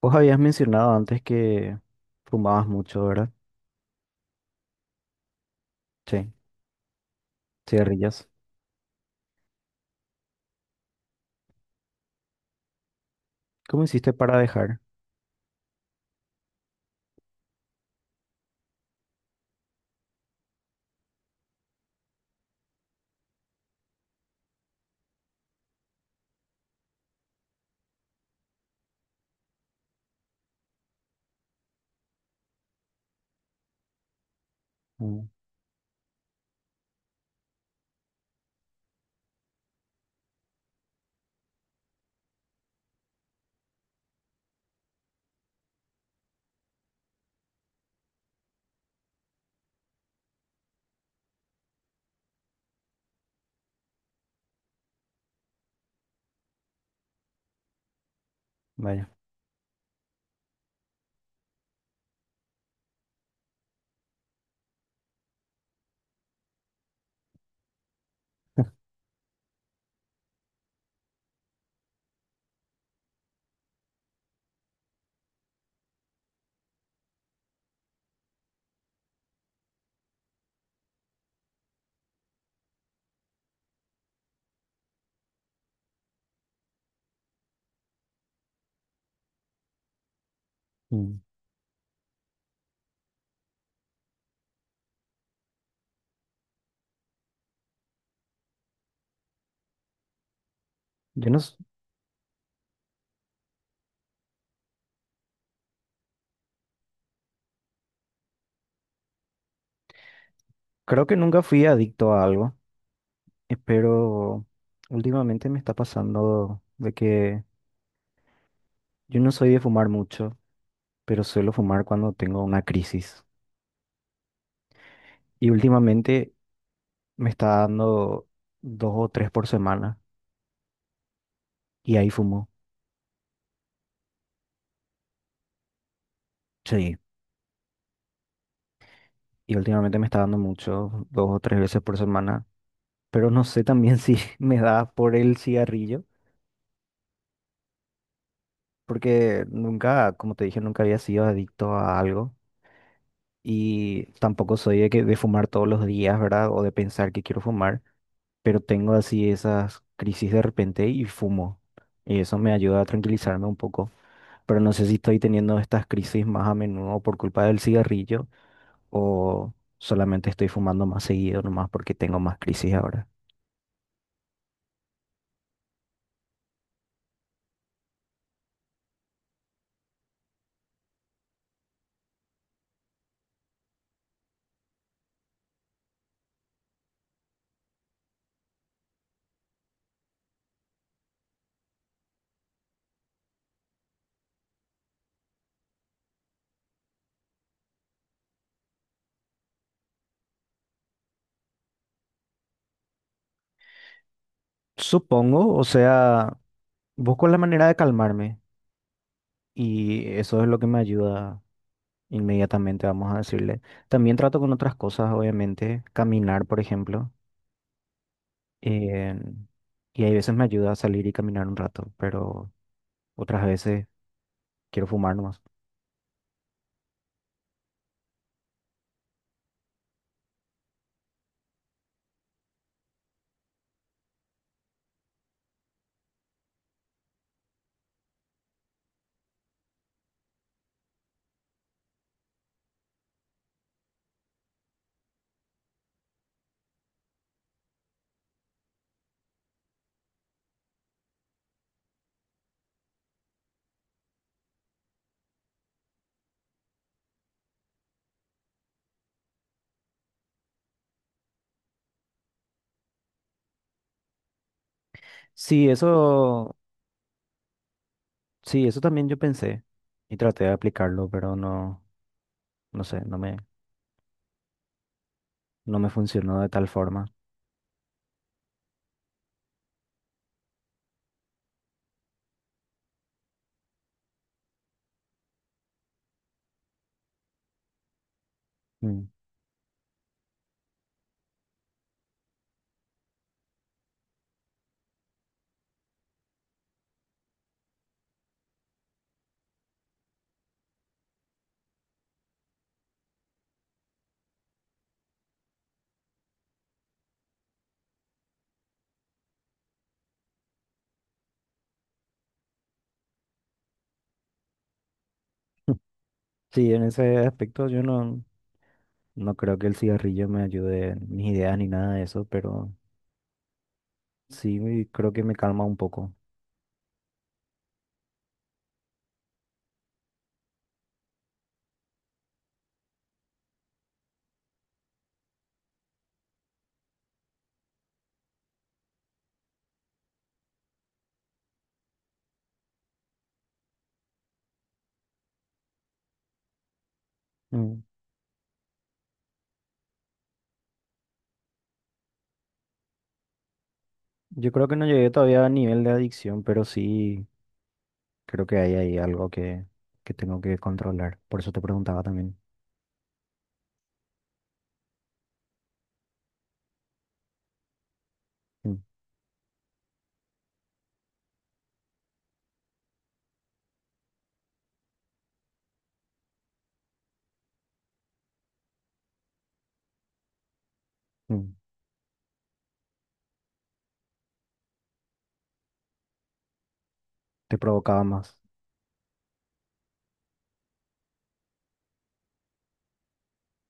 Vos habías mencionado antes que fumabas mucho, ¿verdad? Sí, cigarrillas. ¿Cómo hiciste para dejar? Mm, vaya. Mm. Yo no, s- Creo que nunca fui adicto a algo, pero últimamente me está pasando de que yo no soy de fumar mucho, pero suelo fumar cuando tengo una crisis. Y últimamente me está dando dos o tres por semana y ahí fumo. Sí. Y últimamente me está dando mucho, dos o tres veces por semana. Pero no sé también si me da por el cigarrillo, porque nunca, como te dije, nunca había sido adicto a algo y tampoco soy de, que, de fumar todos los días, ¿verdad? O de pensar que quiero fumar, pero tengo así esas crisis de repente y fumo. Y eso me ayuda a tranquilizarme un poco, pero no sé si estoy teniendo estas crisis más a menudo por culpa del cigarrillo o solamente estoy fumando más seguido nomás porque tengo más crisis ahora. Supongo, o sea, busco la manera de calmarme. Y eso es lo que me ayuda inmediatamente, vamos a decirle. También trato con otras cosas, obviamente, caminar, por ejemplo. eh, y hay veces me ayuda a salir y caminar un rato, pero otras veces quiero fumar nomás. Sí, eso, sí, eso también yo pensé y traté de aplicarlo, pero no, no sé, no me funcionó de tal forma. Mm. Sí, en ese aspecto yo no, no creo que el cigarrillo me ayude en mis ideas ni nada de eso, pero sí creo que me calma un poco. Mm. Yo creo que no llegué todavía a nivel de adicción, pero sí creo que hay ahí algo que tengo que controlar. Por eso te preguntaba también. Mm, mm. Te provocaba más.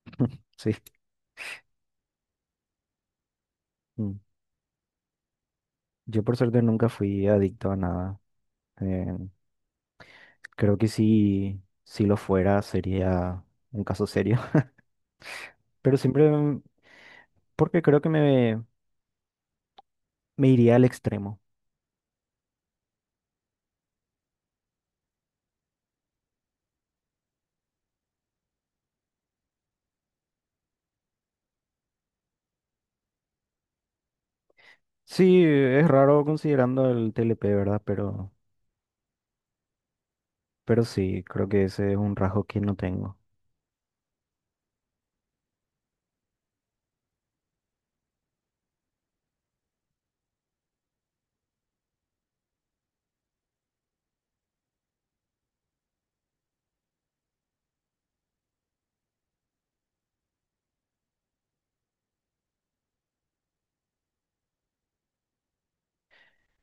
Sí. Mm. Yo por suerte nunca fui adicto a nada. Eh, Creo que si, si lo fuera sería un caso serio. Pero siempre, mm, porque creo que me iría al extremo. Sí, es raro considerando el TLP, ¿verdad? Pero sí, creo que ese es un rasgo que no tengo.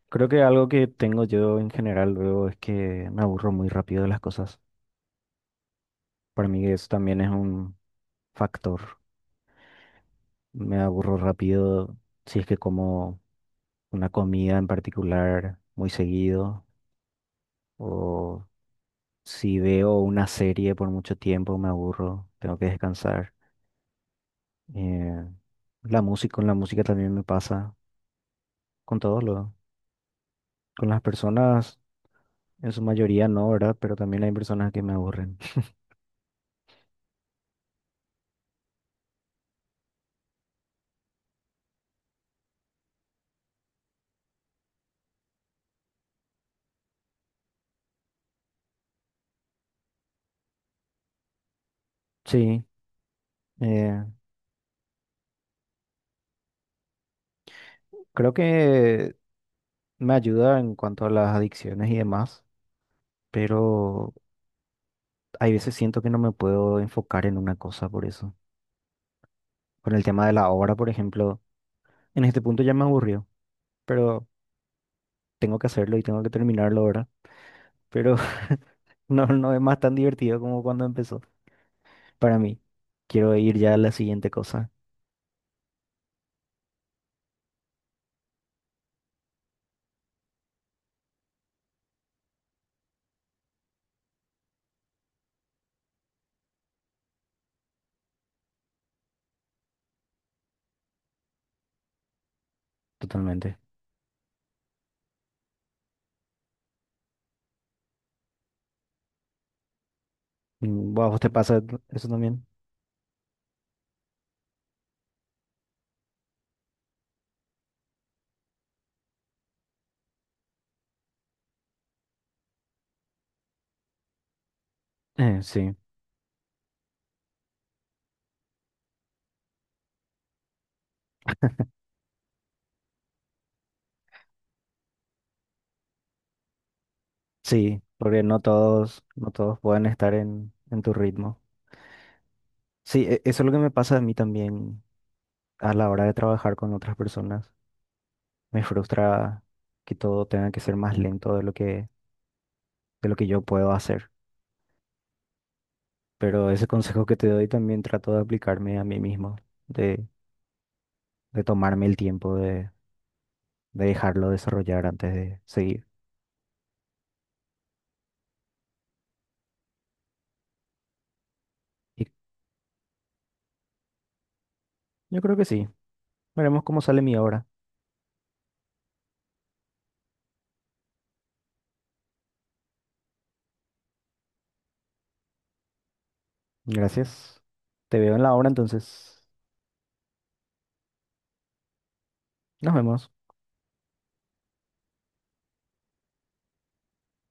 Creo que algo que tengo yo en general luego es que me aburro muy rápido de las cosas. Para mí eso también es un factor. Me aburro rápido si es que como una comida en particular muy seguido o si veo una serie por mucho tiempo me aburro, tengo que descansar. Eh, la música, con la música también me pasa, con todo lo, con las personas en su mayoría no, ¿verdad? Pero también hay personas que me aburren. Sí. eh, Creo que me ayuda en cuanto a las adicciones y demás, pero hay veces siento que no me puedo enfocar en una cosa por eso. Con el tema de la obra, por ejemplo, en este punto ya me aburrió, pero tengo que hacerlo y tengo que terminarlo ahora. Pero no, no es más tan divertido como cuando empezó. Para mí, quiero ir ya a la siguiente cosa, totalmente. Mm, ¿a vos te pasa eso también? Sí, sí, porque no todos, no todos pueden estar en tu ritmo. Sí, eso es lo que me pasa a mí también a la hora de trabajar con otras personas, me frustra que todo tenga que ser más lento de lo que yo puedo hacer. Pero ese consejo que te doy también trato de aplicarme a mí mismo, de, de tomarme el tiempo de dejarlo desarrollar antes de seguir. Y yo creo que sí. Veremos cómo sale mi obra. Gracias. Te veo en la obra entonces. Nos vemos.